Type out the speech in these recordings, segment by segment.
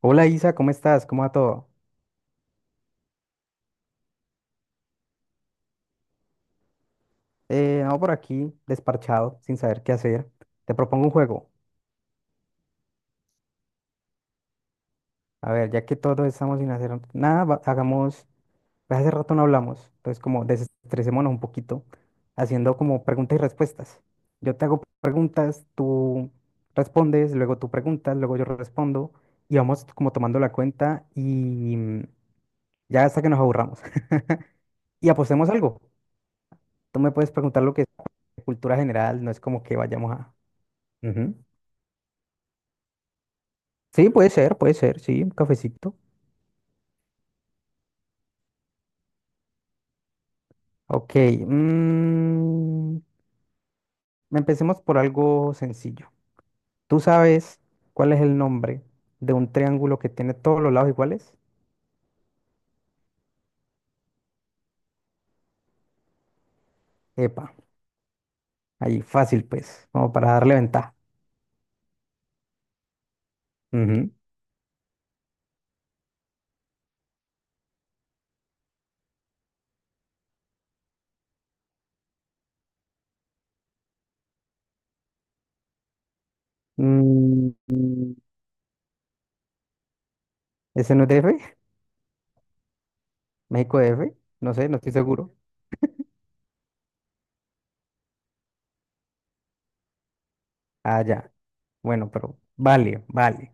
Hola Isa, ¿cómo estás? ¿Cómo va todo? No, por aquí, desparchado, sin saber qué hacer. Te propongo un juego. A ver, ya que todos estamos sin hacer nada, hagamos, pues hace rato no hablamos, entonces como desestresémonos un poquito, haciendo como preguntas y respuestas. Yo te hago preguntas, tú respondes, luego tú preguntas, luego yo respondo, y vamos como tomando la cuenta y ya hasta que nos aburramos. Y apostemos algo. Tú me puedes preguntar lo que es cultura general, no es como que vayamos a. Ujú. Sí, puede ser, sí, un cafecito. Ok, mm, empecemos por algo sencillo. ¿Tú sabes cuál es el nombre de un triángulo que tiene todos los lados iguales? Epa, ahí, fácil pues, como para darle ventaja. Ujú. Mm, mm, ¿Ese no es DF? ¿México DF? No sé, no estoy seguro. Ah, ya. Bueno, pero vale, vale.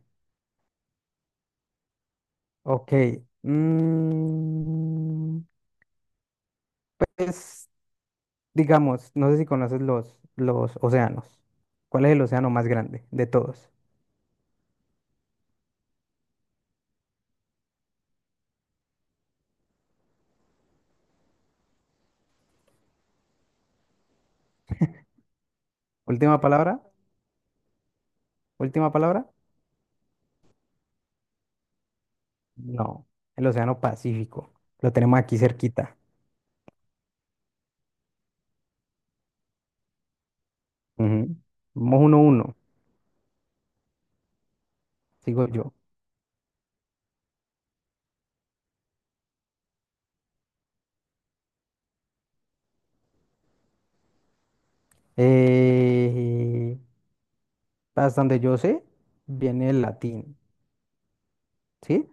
Ok. mm, es Digamos, no sé si conoces los océanos. ¿Cuál es el océano más grande de todos? Última palabra. Última palabra. No, el océano Pacífico. Lo tenemos aquí cerquita. Ujú. Vamos 1-1. Sigo yo. Eh, Hasta donde yo sé, viene el latín. ¿Sí?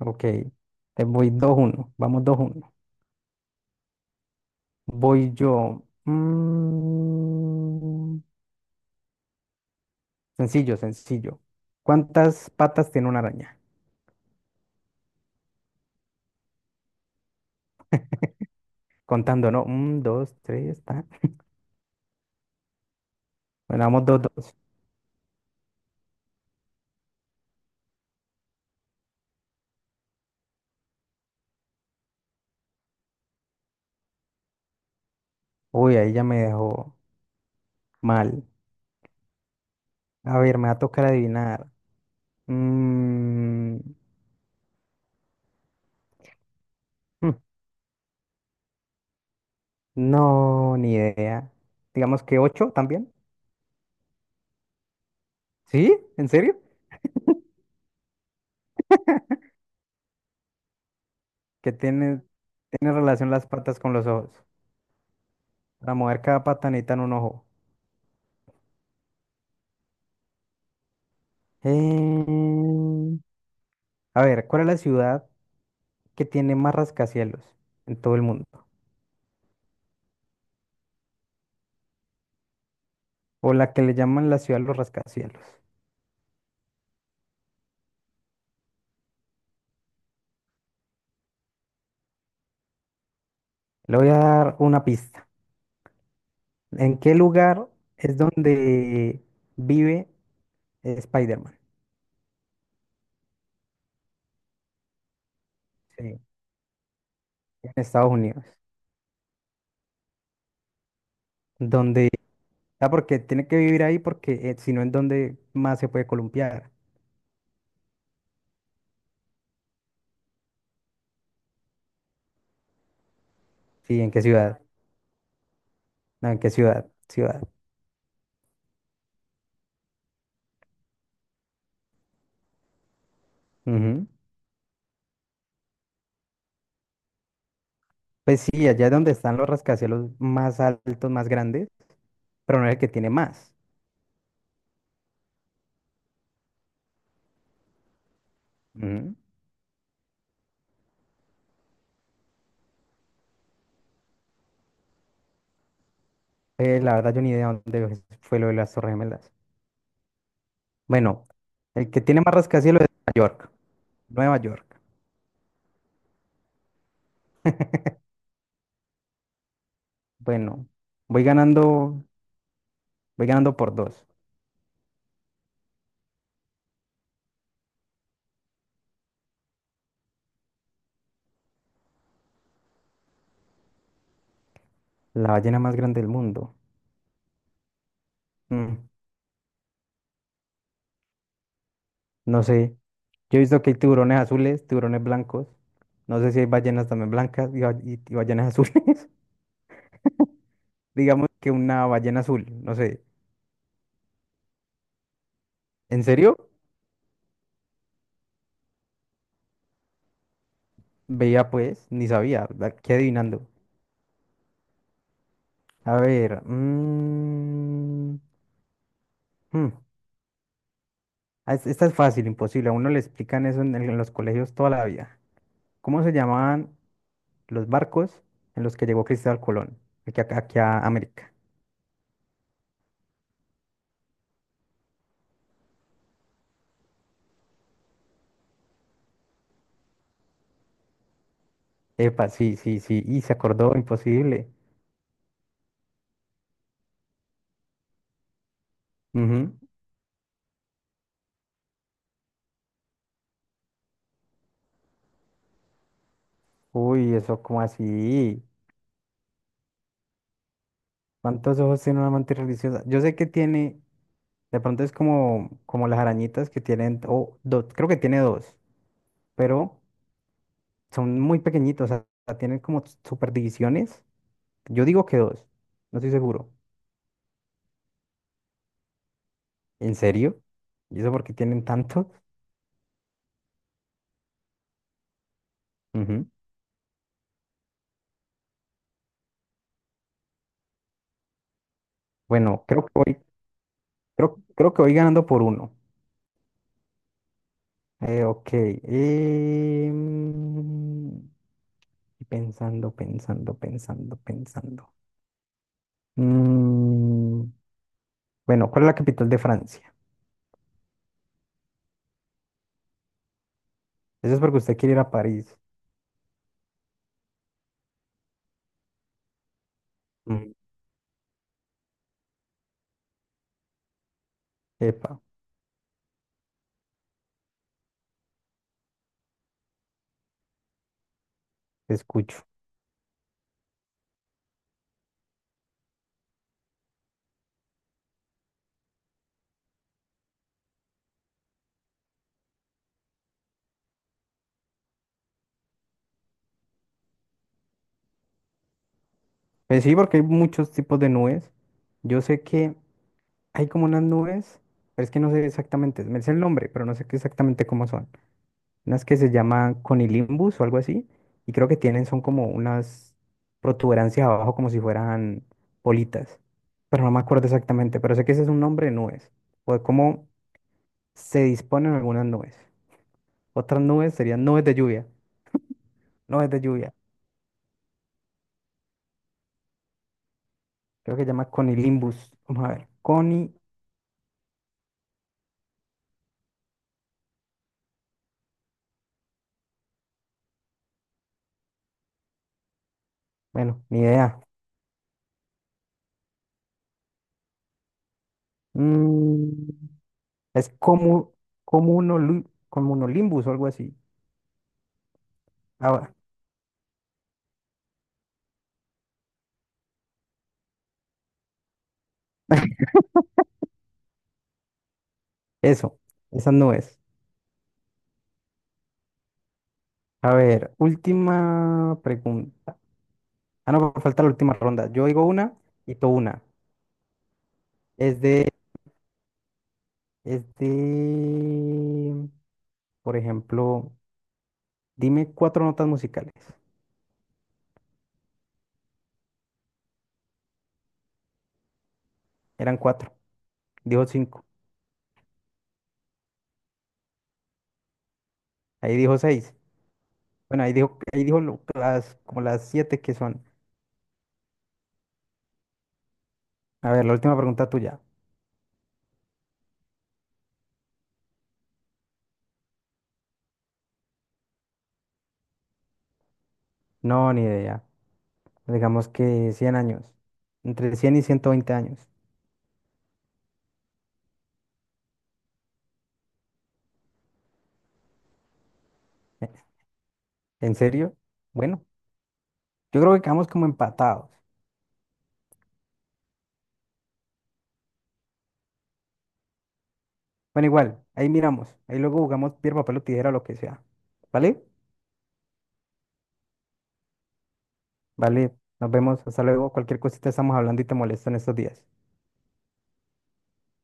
Ok. Te voy 2-1. Vamos 2-1. Voy yo. Sencillo, sencillo. ¿Cuántas patas tiene una araña? Contando, ¿no? Un, dos, tres, ta. Bueno, vamos 2-2. Uy, ahí ya me dejó mal. A ver, me va a tocar adivinar. Mm, hmm, no, ni idea. Digamos que ocho también. ¿Sí? ¿En serio? Que tiene relación las patas con los ojos. Para mover cada pata necesitan un ojo. Eh, a ver, ¿cuál es la ciudad que tiene más rascacielos en todo el mundo? O la que le llaman la ciudad de los rascacielos. Le voy a dar una pista. ¿En qué lugar es donde vive Spider-Man? Sí, en Estados Unidos. Donde, Porque tiene que vivir ahí porque si no, ¿en dónde más se puede columpiar? Sí, ¿en qué ciudad? No, ¿en qué ciudad? Ciudad. Ujú. Pues sí, allá es donde están los rascacielos más altos, más grandes, pero no es el que tiene más. Ujú. La verdad, yo ni idea dónde fue lo de las Torres Gemelas. Bueno, el que tiene más rascacielos es Nueva York. Nueva York. Bueno, voy ganando Voy ganando por dos. La ballena más grande del mundo. Mm, no sé. Yo he visto que hay tiburones azules, tiburones blancos. No sé si hay ballenas también blancas y ballenas azules. Digamos que una ballena azul, no sé. ¿En serio? Veía pues, ni sabía. Aquí adivinando. A ver. Hmm, Esta es fácil, imposible. A uno le explican eso en los colegios toda la vida. ¿Cómo se llamaban los barcos en los que llegó Cristóbal Colón? Aquí a América. Epa, sí, sí, sí. Y se acordó, imposible. Ujú. Uy, eso como así. ¿Cuántos ojos tiene una amante religiosa? Yo sé que tiene, de pronto es como las arañitas que tienen, o dos, creo que tiene dos, pero son muy pequeñitos, o sea, tienen como super divisiones. Yo digo que dos, no estoy seguro. ¿En serio? ¿Y eso por qué tienen tantos? Ujú. Bueno, creo que voy ganando por uno. Ok. Em, Y pensando, pensando, pensando, pensando. Mm, bueno, ¿cuál es la capital de Francia? Eso es porque usted quiere ir a París. Mm, Epa, te escucho. Pues sí, porque hay muchos tipos de nubes. Yo sé que hay como unas nubes, pero es que no sé exactamente, me sé el nombre, pero no sé qué exactamente cómo son. Unas que se llaman conilimbus o algo así, y creo que tienen, son como unas protuberancias abajo como si fueran bolitas, pero no me acuerdo exactamente, pero sé que ese es un nombre de nubes. O de cómo se disponen algunas nubes. Otras nubes serían nubes de lluvia. Nubes de lluvia. Creo que se llama conilimbus. Vamos a ver. Coni. Bueno, ni idea. Mm, es como, comunolimbus o algo así. Ahora, eso. Esas nubes. A ver, última pregunta. Ah, no, pues, falta la última ronda. Yo digo una y tú una. Es de, es de, por ejemplo, dime cuatro notas musicales. Eran cuatro. Dijo cinco. Ahí dijo seis. Bueno, las, como las siete que son. A ver, la última pregunta tuya. No, ni idea. Digamos que 100 años. Entre 100 y 120 años. Eh, ¿En serio? Bueno, yo creo que quedamos como empatados. Bueno, igual, ahí miramos. Ahí luego jugamos piedra, papel o tijera, lo que sea. ¿Vale? Vale, nos vemos. Hasta luego. Cualquier cosita estamos hablando y te molesto en estos días.